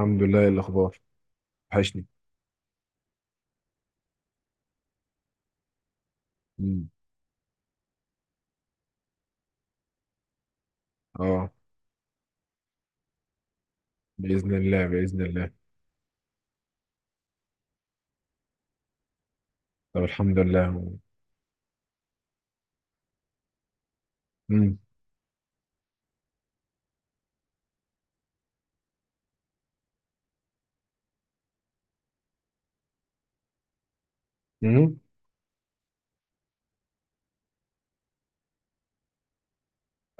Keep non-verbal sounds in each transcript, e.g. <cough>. الحمد لله. إيه الأخبار؟ وحشني. مم. اه، بإذن الله بإذن الله. طب، الحمد لله. مم. مم.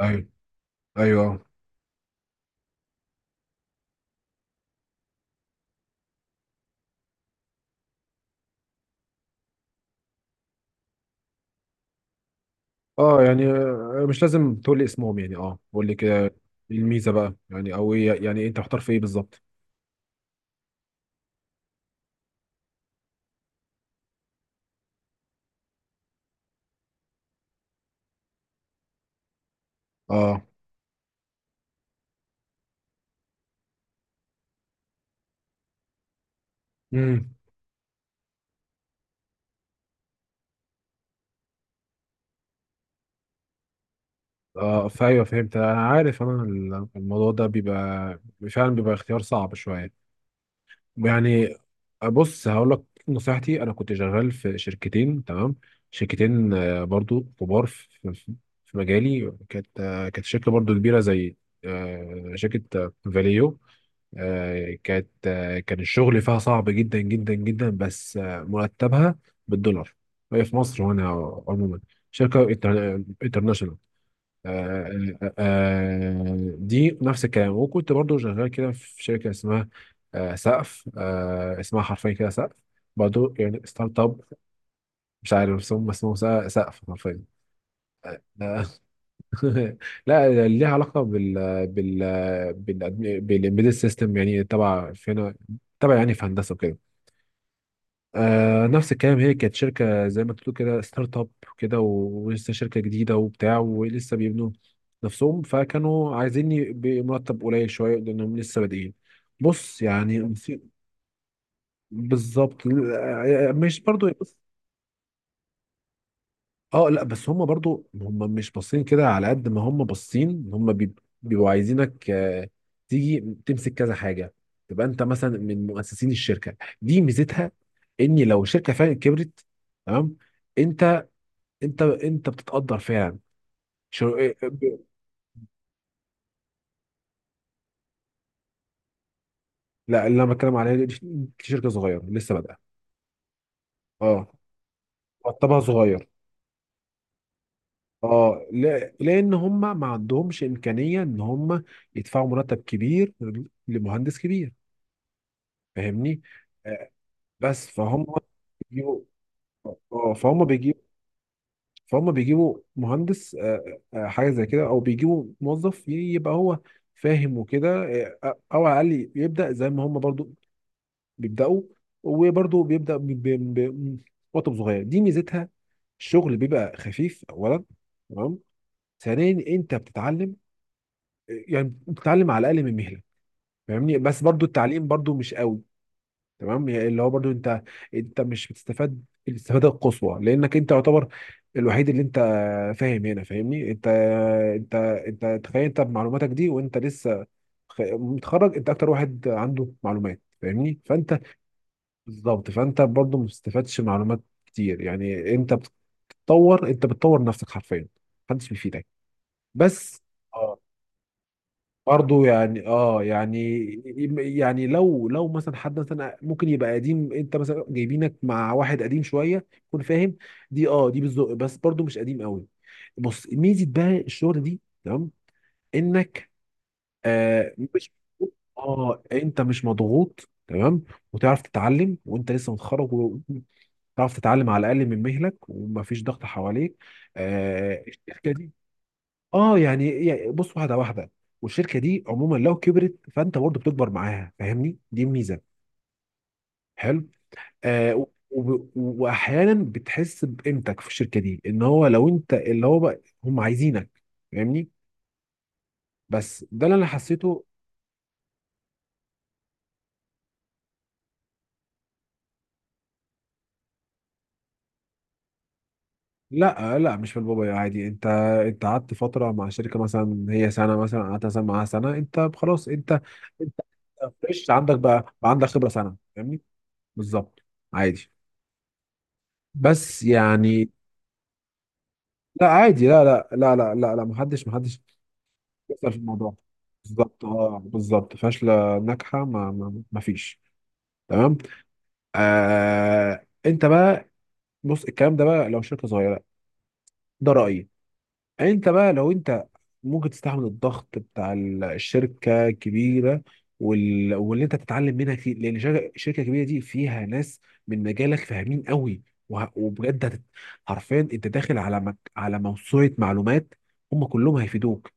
أيوه، أيوه. اه، يعني مش لازم تقول لي اسمهم، يعني اه قول لي كده إيه الميزة بقى، يعني أو إيه، يعني إيه أنت محتار في إيه بالظبط؟ اه. امم. اه. فايوه، فهمت. أنا عارف. أنا الموضوع ده بيبقى، فعلا بيبقى اختيار صعب شوية يعني. بص، هقول لك نصيحتي. انا كنت شغال في شركتين، تمام. شركتين، برضو كبار في في- في مجالي. كانت كانت شركه برضو كبيره، زي شركه، فاليو. كانت كان الشغل فيها صعب جدا جدا جدا، بس مرتبها بالدولار. هي في مصر وانا عموما شركه انترناشونال. دي نفس الكلام. وكنت برضو شغال كده في شركة اسمها سقف، اسمها حرفيا كده سقف، برضو يعني ستارت اب. مش عارف اسمه، بس اسمه سقف حرفيا. لا <laughs> لا، ليها علاقة بال بال بالامبيدد سيستم، يعني تبع فينا، تبع يعني في هندسة وكده. آه، نفس الكلام. هي كانت شركة زي ما تقول كده ستارت اب كده، ولسه شركة جديدة وبتاع، ولسه بيبنوا نفسهم. فكانوا عايزين بمرتب قليل شوية لأنهم لسه بادئين. بص يعني. بالظبط، مش برضو بص. اه، لا، بس هم برضو هم مش باصين كده. على قد ما هم باصين هم بيبقوا عايزينك تيجي تمسك كذا حاجة. تبقى انت مثلا من مؤسسين الشركة. دي ميزتها، ان لو الشركة فعلا كبرت، تمام. انت انت انت بتتقدر فعلا. شو... إيه- إيه، ب- لا، اللي انا بتكلم عليه دي شركه صغيره لسه بادئه. اه. مرتبها صغير. اه، لا، لان هم ما عندهمش امكانيه ان هم يدفعوا مرتب كبير لمهندس كبير. فاهمني؟ آه، بس فهم بيجيبوا. اه، فهم بيجيبوا. فهم بيجيبوا مهندس، حاجه زي كده، او بيجيبوا موظف يبقى هو فاهم وكده. او على الاقل يبدا زي ما هم برضو بيبداوا. وبرضه بيبدا بوقت صغير. دي ميزتها، الشغل بيبقى خفيف. اولا تمام. ثانيا، انت بتتعلم، يعني بتتعلم على الاقل من مهله. فاهمني؟ بس برضه التعليم برضه مش قوي. تمام، يعني اللي هو برضه انت مش بتستفاد الاستفاده القصوى. لانك انت يعتبر الوحيد اللي انت فاهم هنا. فاهمني؟ انت انت تخيل، انت بمعلوماتك دي، وانت لسه متخرج، انت اكتر واحد عنده معلومات. فاهمني؟ فانت بالظبط. فانت برضو ما بتستفادش معلومات كتير. يعني انت بتطور، انت بتطور نفسك حرفيا. محدش بيفيدك. بس، اه، برضو يعني، اه يعني، يعني لو لو مثلا حد مثلا ممكن يبقى قديم. انت مثلا جايبينك مع واحد قديم شويه يكون فاهم. دي اه، دي بالذوق. بس برضو مش قديم قوي. بص، ميزه بقى الشغل دي، تمام، انك مش. اه، انت مش مضغوط، تمام. وتعرف تتعلم وانت لسه متخرج. تعرف تتعلم على الاقل من مهلك، ومفيش ضغط حواليك. آه، الشركه دي. اه، يعني، يعني بص واحده واحده. والشركه دي عموما لو كبرت فانت برضه بتكبر معاها. فاهمني؟ دي الميزه، حلو. واحيانا بتحس بقيمتك في الشركه دي، ان هو لو انت، اللي هو بقى هم عايزينك. فاهمني؟ بس ده اللي انا حسيته. لا، لا، مش في البابايا. عادي، انت انت قعدت فتره مع شركه مثلا، هي سنه مثلا، قعدت مثلا معاها سنه، انت خلاص. انت انت فريش، عندك بقى عندك خبره سنه. فاهمني؟ بالظبط. عادي، بس يعني. لا، عادي، لا، لا، لا، لا، لا، لا، محدش يسأل في الموضوع. بالظبط، اه، بالظبط. فاشله، ناجحه، ما فيش. تمام. آه، انت بقى، بص، الكلام ده بقى لو شركه صغيره، ده رايي. انت بقى لو انت ممكن تستحمل الضغط بتاع الشركه الكبيره، واللي انت تتعلم منها كتير. لان الشركه الكبيره دي فيها ناس من مجالك فاهمين قوي. وبجد حرفيا انت داخل على على موسوعه معلومات. هم كلهم هيفيدوك.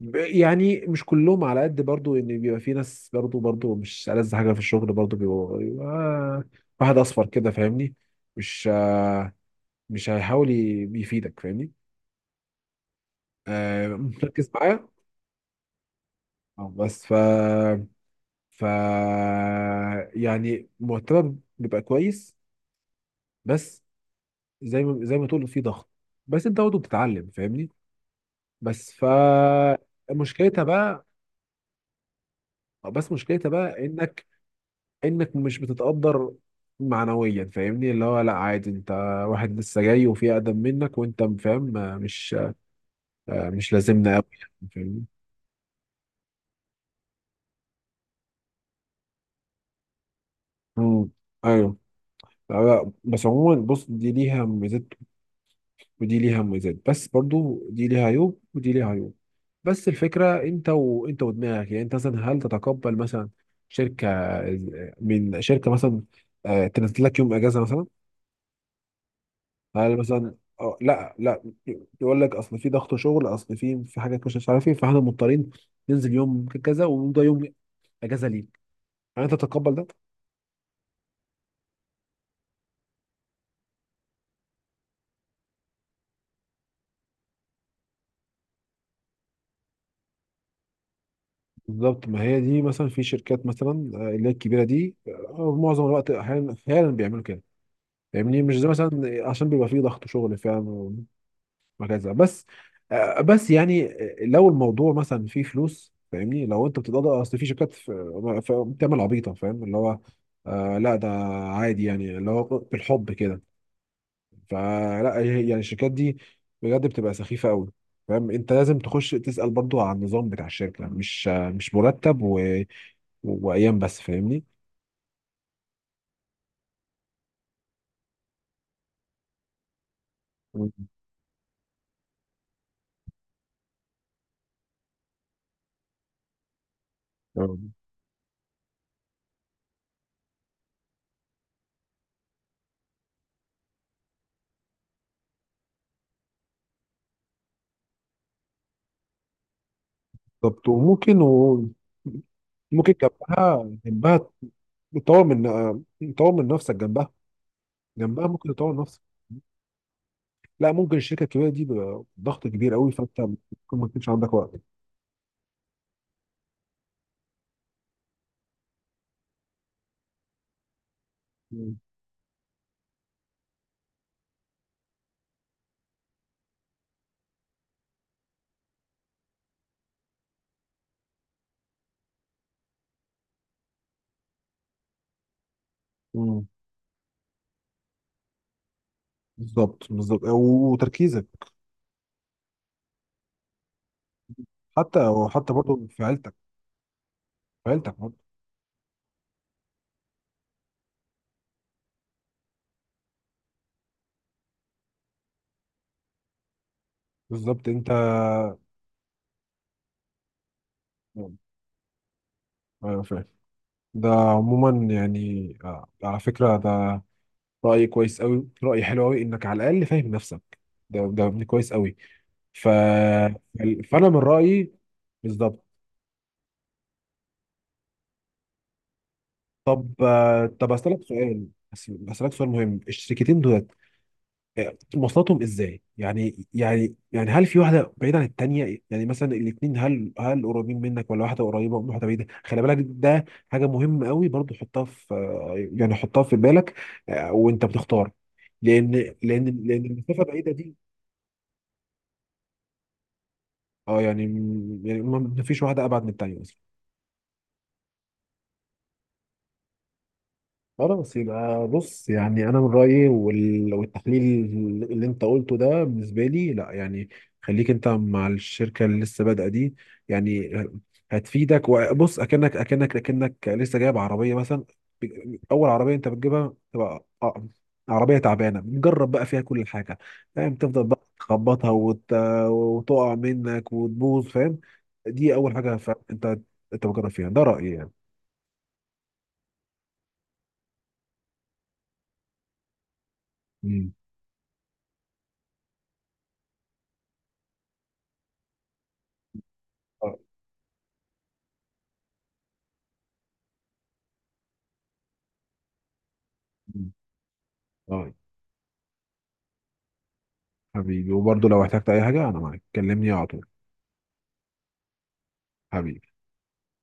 يعني مش كلهم على قد. برضو ان بيبقى في ناس، برضو مش ألذ حاجه في الشغل. برضو بيبقى واحد اصفر كده. فاهمني؟ مش مش هيحاول يفيدك. فاهمني؟ مركز معايا. اه، بس ف ف يعني مرتبك بيبقى كويس. بس زي ما تقول في ضغط، بس انت برضه بتتعلم. فاهمني؟ بس ف مشكلتها بقى، بس مشكلتها بقى، انك مش بتتقدر معنويا. فاهمني؟ اللي هو لا، عادي انت واحد لسه جاي، وفي اقدم منك، وانت فاهم مش مش لازمنا قوي يعني. فاهمني؟ امم. ايوه. لا، لا، بس عموما بص، دي ليها ميزات ودي ليها مميزات، بس برضو دي ليها عيوب ودي ليها عيوب. بس الفكرة انت، وانت ودماغك. يعني انت مثلا هل تتقبل مثلا، شركة، من شركة مثلا، تنزل لك يوم اجازة مثلا. هل مثلا، آه، لا لا يقول لك اصل في ضغط شغل، اصل في حاجات مش مش عارف ايه، فاحنا مضطرين ننزل يوم كذا، وده يوم اجازة ليك. هل انت تتقبل ده؟ بالظبط، ما هي دي. مثلا في شركات مثلا اللي هي الكبيرة دي معظم الوقت، احيانا بيعملوا كده. فاهمني؟ مش زي مثلا، عشان بيبقى فيه ضغط شغل فعلا وهكذا. بس بس يعني، لو الموضوع مثلا فيه فلوس. فاهمني؟ لو انت بتتقاضى، اصل في شركات بتعمل عبيطه. فاهم اللي هو لا، ده عادي يعني، اللي هو بالحب كده. يعني الشركات دي بجد بتبقى سخيفه قوي. فاهم؟ انت لازم تخش تسال برضو على النظام بتاع الشركه، مش مش مرتب وايام بس. فاهمني؟ مم. آه، بالظبط، وممكن ممكن جنبها تطور من، تطور من نفسك جنبها ممكن تطور نفسك. لا، ممكن الشركه الكبيره دي بيبقى ضغط كبير قوي. فانت ممكن ما تكونش عندك وقت. مم. مم. بالظبط، بالظبط، وتركيزك. حتى وحتى برضه في عيلتك. في عيلتك برضه. بالظبط انت. مم. ايوه، فاهم. ده عموما يعني على فكره ده راي كويس قوي، راي حلو قوي. انك على الاقل فاهم نفسك. ده ده يعني كويس قوي. ف... فانا من رايي. بالظبط. طب طب اسالك سؤال، بس بسالك سؤال مهم. الشركتين دولت مواصلاتهم ازاي؟ يعني، يعني يعني هل في واحده بعيده عن التانيه؟ يعني مثلا الاثنين، هل هل قريبين منك ولا واحده قريبه وواحده بعيده؟ خلي بالك ده حاجه مهمه قوي برضو. حطها في يعني حطها في بالك وانت بتختار. لان لان لان المسافه بعيده دي. اه، يعني، ما فيش واحده ابعد من التانيه. خلاص. يبقى بص، يعني انا من رايي، والتحليل اللي انت قلته ده بالنسبه لي، لا يعني. خليك انت مع الشركه اللي لسه بادئه دي. يعني هتفيدك. وبص، اكنك لسه جايب عربيه مثلا. اول عربيه انت بتجيبها تبقى عربيه تعبانه. جرب بقى فيها كل حاجه. فاهم؟ تفضل بقى تخبطها وتقع منك وتبوظ. فاهم؟ دي اول حاجه. انت بتجرب فيها. ده رايي يعني. مم. اه. مم. اه. حبيبي. وبرضه لو احتجت اي حاجة انا معاك. كلمني على طول. حبيبي.